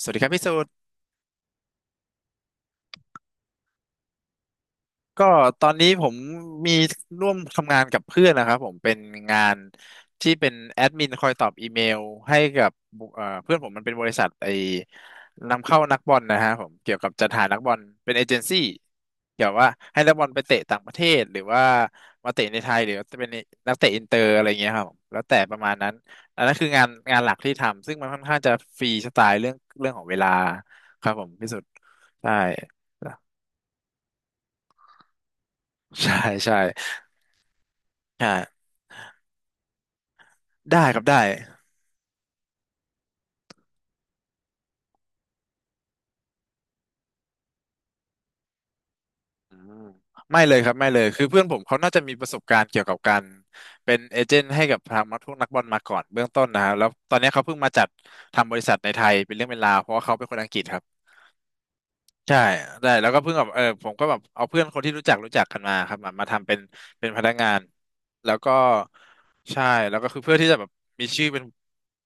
สวัสดีครับพี่สูตรก็ตอนนี้ผมมีร่วมทำงานกับเพื่อนนะครับผมเป็นงานที่เป็นแอดมินคอยตอบอีเมลให้กับบุเอ่อเพื่อนผมมันเป็นบริษัทไอ้นำเข้านักบอลนะฮะผมเกี่ยวกับจัดหานักบอลเป็นเอเจนซี่เกี่ยวว่าให้นักบอลไปเตะต่างประเทศหรือว่ามาเตะในไทยหรือจะเป็นนักเตะอินเตอร์อะไรเงี้ยครับผมแล้วแต่ประมาณนั้นอันนั้นคืองานหลักที่ทำซึ่งมันค่อนข้างจะฟรีสไตล์เรื่องของเวลาครับผมพี่สุดใช่ ใช่ใช่อ่าได้ครับได้อืมไม่เลยครับไม่เลยคือเพื่อนผมเขาน่าจะมีประสบการณ์เกี่ยวกับการเป็นเอเจนต์ให้กับทางพวกนักบอลมาก่อนเบื้องต้นนะครับแล้วตอนนี้เขาเพิ่งมาจัดทำบริษัทในไทยเป็นเรื่องเป็นราวเพราะว่าเขาเป็นคนอังกฤษครับ ใช่ได้แล้วก็เพิ่งแบบเออผมก็แบบเอาเพื่อนคนที่รู้จักกันมาครับมาทำเป็นพนักงานแล้วก็ใช่แล้วก็คือเพื่อที่จะแบบมีชื่อเป็น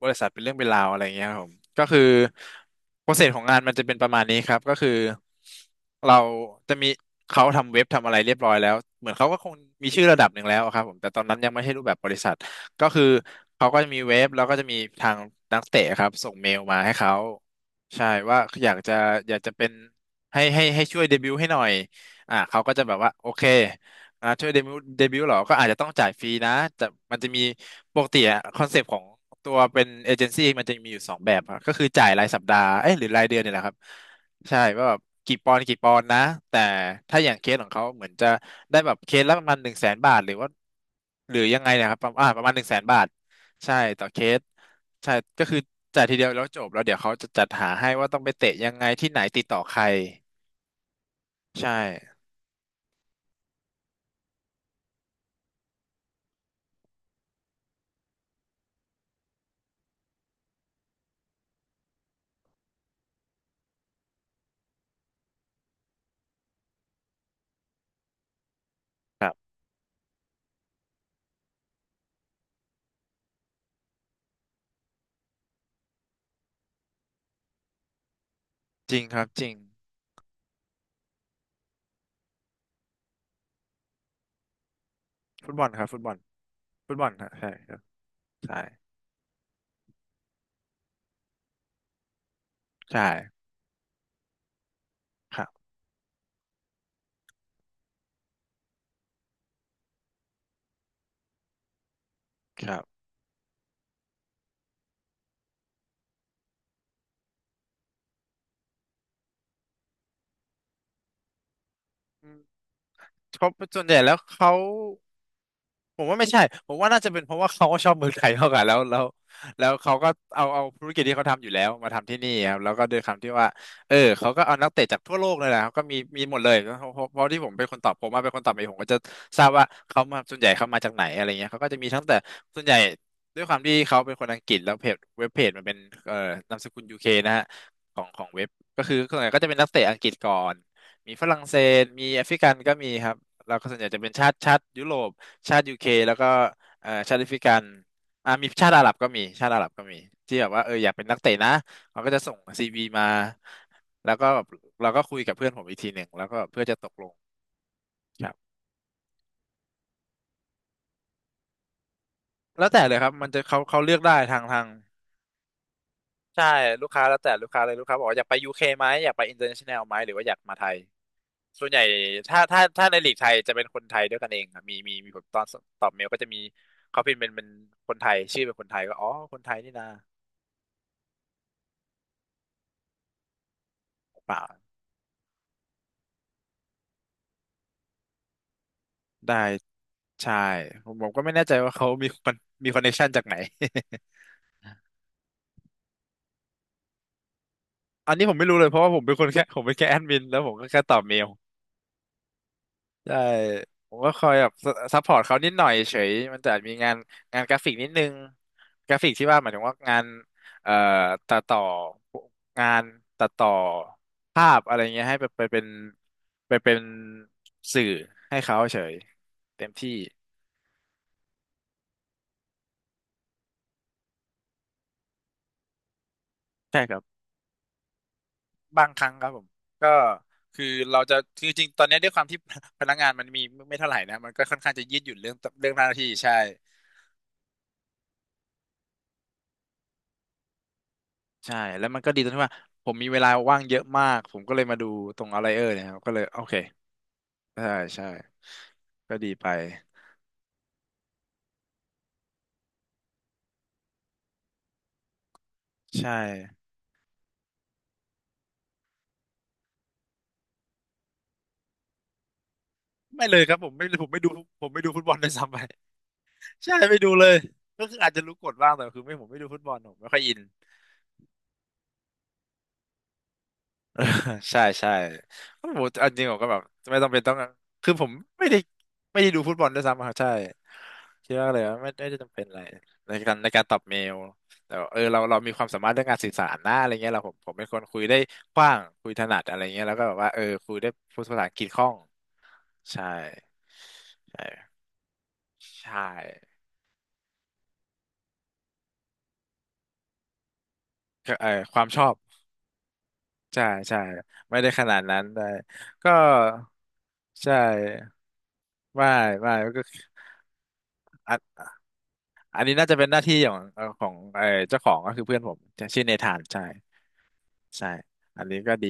บริษัทเป็นเรื่องเป็นราวอะไรอย่างเงี้ยครับผมก็คือโปรเซสของงานมันจะเป็นประมาณนี้ครับก็คือเราจะมีเขาทำเว็บทำอะไรเรียบร้อยแล้วเหมือนเขาก็คงมีชื่อระดับหนึ่งแล้วครับผมแต่ตอนนั้นยังไม่ใช่รูปแบบบริษัทก็คือเขาก็จะมีเว็บแล้วก็จะมีทางนักเตะครับส่งเมลมาให้เขาใช่ว่าอยากจะอยากจะเป็น ให้ช่วยเดบิวต์ให้หน่อยเขาก็จะแบบว่าโอเคช่วยเดบิวต์เดบิวต์เหรอ ก็อาจจะต้องจ่ายฟรีนะแต่มันจะมีปกติอะคอนเซปต์ของตัวเป็นเอเจนซี่มันจะมีอยู่สองแบบอะก็คือจ่ายรายสัปดาห์เอ้ยหรือรายเดือนเนี่ยแหละครับใช่ว่าแบบกี่ปอนด์กี่ปอนด์นะ แต่ถ้าอย่างเคสของเขาเหมือนจะได้แบบเคสละประมาณหนึ่งแสนบาทหรือว่าหรือยังไงเนะครับประมาณประมาณหนึ่งแสนบาท ใช่ต่อเคสใช่ก็คือจ่ายทีเดียวแล้วจบแล้วเดี๋ยวเขาจะจัดหาให้ว่าต้องไปเตะยังไงที่ไหนติดต่อใคร ใช่ครับจริงครับจริงฟุตบอลครับฟุตบอลฟุตบอลฮะใช่ครับใช่ใช่ครับครับอืมเขาส่วนใหญ่แล้วเขา ผมว่าไม่ใช่ผมว่าน่าจะเป็นเพราะว่าเขาก็ชอบเมืองไทยเท่ากันแล้ว แล้วเขาก็เอาธุรกิจที่เขาทำอยู่แล้วมาทำที่นี่ครับแล้วก็ด้วยคำที่ว่าเออเขาก็เอานักเตะจากทั่วโลกเลยนะครับก็มีหมดเลยเพราะที่ผมเป็นคนตอบผมมาเป็นคนตอบเองผมก็จะทราบว่าเขามาส่วนใหญ่เขามาจากไหนอะไรเงี้ยเขาก็จะมีทั้งแต่ส่วนใหญ่ด้วยความที่เขาเป็นคนอังกฤษแล้วเพจเว็บเพจมันเป็นเอ่อนามสกุลยูเคนะฮะของเว็บก็คือส่วนใหญ่ก็จะเป็นนักเตะอังกฤษก่อนมีฝรั่งเศสมีแอฟริกันก็มีครับแล้วก็ส่วนใหญ่จะเป็นชาติยุโรป ชาติยูเคแล้วก็ชาติแอฟริกันมีชาติอาหรับก็มีชาติอาหรับก็มีที่แบบว่าเอออยากเป็นนักเตะนะเขาก็จะส่งซีวีมาแล้วก็แบบเราก็คุยกับเพื่อนผมอีกทีหนึ่งแล้วก็เพื่อจะตกลงครับแล้วแต่เลยครับมันจะเขาเลือกได้ทางใช่ลูกค้าแล้วแต่ลูกค้าเลยลูกค้าบอกว่าอยากไปยูเคไหมอยากไปอินเตอร์เนชั่นแนลไหมหรือว่าอยากมาไทยส่วนใหญ่ถ้าในลีกไทยจะเป็นคนไทยด้วยกันเองครับมีผมตอนตอบเมลก็จะมีเขาพิมพ์เป็นคนไทยชื่อเป็นคนไทยก็อ๋อคนไทยนี่นะเปล่า ได้ใช่ผมก็ไม่แน่ใจว่าเขามีมันมีคอนเนคชันจากไหน อันนี้ผมไม่รู้เลยเพราะว่าผมเป็นคนแค่ ผมเป็นแค่แอดมินแล้วผมก็แค่ตอบเมลใช่ผมก็คอยแบบซัพพอร์ตเขานิดหน่อยเฉยมันจะมีงานงานกราฟิกนิดนึงกราฟิกที่ว่าหมายถึงว่างานเอ่อตัดต่องานตัดต่อภาพอะไรเงี้ยให้ไปเป็นสื่อให้เขาเฉยเต็มที่ใช่ครับ บางครั้งครับผมก็คือเราจะจริงๆตอนนี้ด้วยความที่ พนักงานมันมีไม่เท่าไหร่นะมันก็ค่อนข้างจะยืดหยุ่นเรื่องเรื่องหน้าที่ใช่ใช่แล้วมันก็ดีตรงที่ว่าผมมีเวลาว่างเยอะมากผมก็เลยมาดูตรงอะไรเนี่ยครับก็เลยโอเคใช่ใช่ก็ดีไปใช่ไม่เลยครับผมไม่ดูผมไม่ดูฟุตบอลด้วยซ้ำไป ใช่ไม่ดูเลยก็คืออาจจะรู้กฎบ้างแต่คือไม่ผมไม่ดูฟุตบอลผมไม่ค่อยอิน ใช่ใช่โอ้โหอันจริงผมก็แบบไม่ต้องเป็นต้องคือผมไม่ได้ไม่ได้ดูฟุตบอลด้วยซ้ำอะครับใช่คิดว่าเลยว่าไม่ไม่ได้จำเป็นอะไรในการในการตอบเมลแต่ว่าเราเรามีความสามารถเรื่องการสื่อสารนะอะไรเงี้ยเราผมผมเป็นคนคุยได้กว้างคุยถนัดอะไรเงี้ยแล้วก็แบบว่าคุยได้พูดภาษาอังกฤษคล่องใช่ใช่ใช่ก็ความชอบใช่ใช่ไม่ได้ขนาดนั้นได้ก็ใช่ไม่ไม่ก็คืออ่ะ อันนี้น่าจะเป็นหน้าที่ของของเจ้าของก็คือเพื่อนผมชื่อเนธานใช่ใช่อันนี้ก็ดี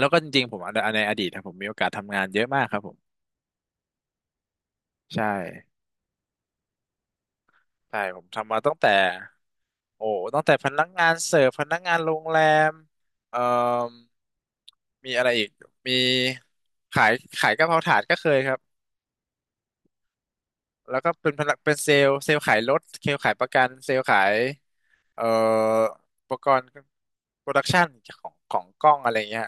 แล้วก็จริงๆผมในในอดีตนะผมมีโอกาสทำงานเยอะมากครับผมใช่ใช่ผมทำมาตั้งแต่โอ้ตั้งแต่พนักงานเสิร์ฟพนักงานโรงแรมเอ่อมีอะไรอีกมีขายขายกะเพราถาดก็เคยครับ แล้วก็เป็นพนักเป็นเซลล์เซลล์ขายรถเซลล์ขายประกันเซลล์ขายเอ่ออุปกรณ์โปรดักชันของของกล้องอะไรเงี้ย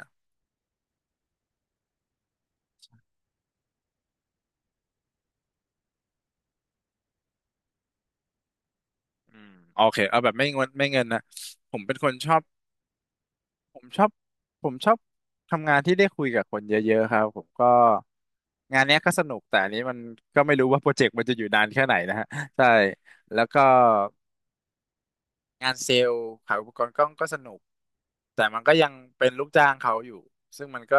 โอเคเอาแบบไม่เงินไม่เงินนะผมเป็นคนชอบผมชอบผมชอบทำงานที่ได้คุยกับคนเยอะๆครับผมก็งานเนี้ยก็สนุกแต่อันนี้มันก็ไม่รู้ว่าโปรเจกต์มันจะอยู่นานแค่ไหนนะฮะ ใช่แล้วก็ งานเซลล์ขายอุปกรณ์กล้องก็สนุกแต่มันก็ยังเป็นลูกจ้างเขาอยู่ซึ่งมันก็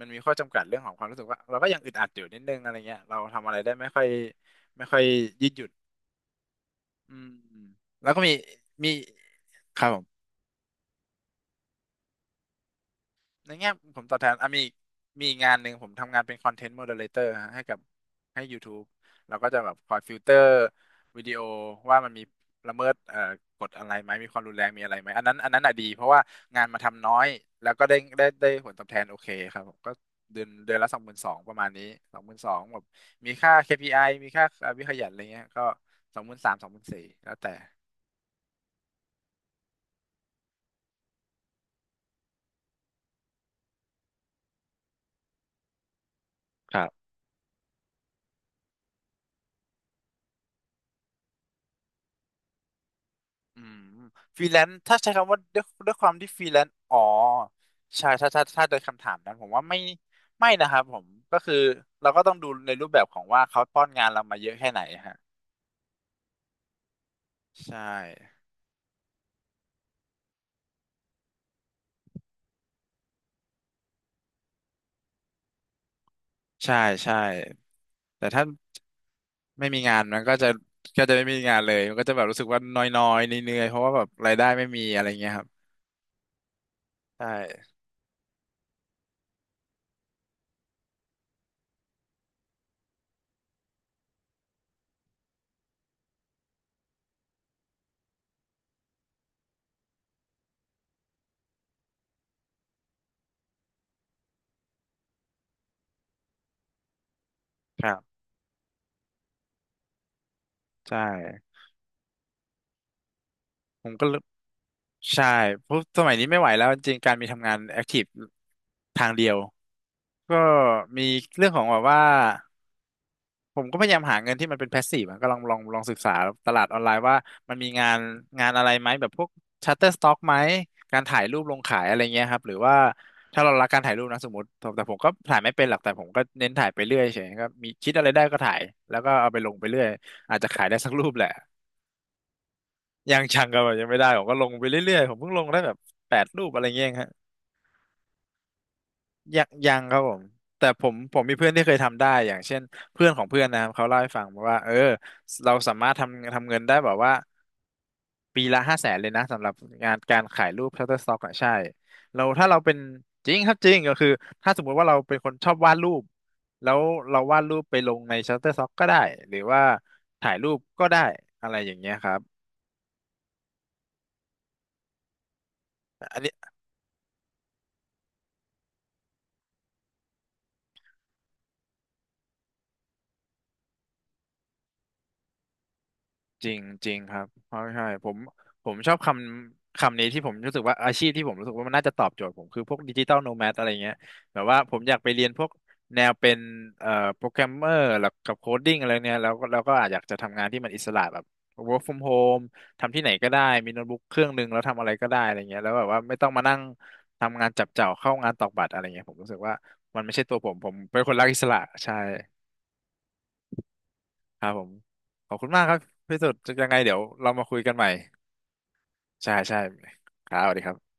มันมีข้อจำกัดเรื่องของความรู้สึกว่าเราก็ยังอึดอัดอยู่นิดนึงอะไรเงี้ยเราทำอะไรได้ไม่ค่อยไม่ค่อยยืดหยุ่นอืมแล้วก็มีมีครับผม ในแง่ผมตอบแทนอ่ะมีอีกมีอีกงานหนึ่งผมทำงานเป็นคอนเทนต์โมเดเลเตอร์ให้กับให้ YouTube เราก็จะแบบคอยฟิลเตอร์วิดีโอว่ามันมีละเมิดกฎอะไรไหมมีความรุนแรงมีอะไรไหมอันนั้นอันนั้นอ่ะดีเพราะว่างานมาทำน้อยแล้วก็ได้ผลตอบแทนโอเคครับผมก็เดือนเดือนละสองหมื่นสองประมาณนี้สองหมื่นสองแบบมีค่า KPI มีค่าวิขยันอะไรเงี้ยก็23,00024,000แล้วแต่ครับ อืมฟรีแลนซ์ถ้าใช้คำว่าด้วยความที่ฟรีแลนซ์อ๋อใช่ถ้าโดยคำถามนั้นผมว่าไม่ไม่นะครับผมก็คือเราก็ต้องดูในรูปแบบของว่าเขาป้อนงานเรามาเยอะแค่ไหนฮะใช่ใช่ใช่แต่ถ้าไม่มีงานมันก็จะก็จะไม่มีงานเลยมันก็จะแบบรู้สึกว่าน้อยๆเหนื่อยๆเพราะว่าแบบรายได้ไม่มีอะไรเงี้ยครับใช่ครับใช่ผมก็เลยใช่เพราะสมัยนี้ไม่ไหวแล้วจริงๆการมีทำงานแอคทีฟทางเดียว ก็มีเรื่องของแบบว่าผมก็พยายามหาเงินที่มันเป็นแพสซีฟอะก็ลองศึกษาตลาดออนไลน์ว่ามันมีงานงานอะไรไหมแบบพวกชัตเตอร์สต็อกไหมการถ่ายรูปลงขายอะไรเงี้ยครับหรือว่าถ้าเรารักการถ่ายรูปนะสมมติแต่ผมก็ถ่ายไม่เป็นหรอกแต่ผมก็เน้นถ่ายไปเรื่อยเฉยก็มีคิดอะไรได้ก็ถ่ายแล้วก็เอาไปลงไปเรื่อยอาจจะขายได้สักรูปแหละยังชังก็แบบยังไม่ได้ผมก็ลงไปเรื่อยๆผมเพิ่งลงได้แบบ8 รูปอะไรเงี้ยฮะ ยังยังครับผมแต่ผมมีเพื่อนที่เคยทำได้อย่างเช่นเพื่อนของเพื่อนนะครับเขาเล่าให้ฟังว่าเออเราสามารถทำเงินได้แบบว่าปีละ500,000เลยนะสำหรับงานการขายรูป Shutterstock อะใช่เราถ้าเราเป็นจริงครับจริงก็คือถ้าสมมุติว่าเราเป็นคนชอบวาดรูปแล้วเราวาดรูปไปลงใน Shutterstock ก็ได้หรือว่าถ่ายรูปก็ได้อะไรอย่างเงี้ยครับ จริงจริงครับเพราะใช่ผมผมชอบคำคำนี้ที่ผมรู้สึกว่าอาชีพที่ผมรู้สึกว่ามันน่าจะตอบโจทย์ผมคือพวกดิจิตอลโนแมดอะไรเงี้ยแบบว่าผมอยากไปเรียนพวกแนวเป็นเอ่อโปรแกรมเมอร์แล้วกับโคดดิ้งอะไรเนี้ยแล้วก็อาจอยากจะทำงานที่มันอิสระแบบ work from home ทำที่ไหนก็ได้มีโน้ตบุ๊กเครื่องหนึ่งแล้วทำอะไรก็ได้อะไรเงี้ยแล้วแบบว่าไม่ต้องมานั่งทำงานจับเจ่าเข้างานตอกบัตรอะไรเงี้ยผมรู้สึกว่ามันไม่ใช่ตัวผมผมเป็นคนรักอิสระใช่ครับผมขอบคุณมากครับพี่สุดยังไงเดี๋ยวเรามาคุยกันใหม่ ใช่ใช่ครับสวัสดีครับ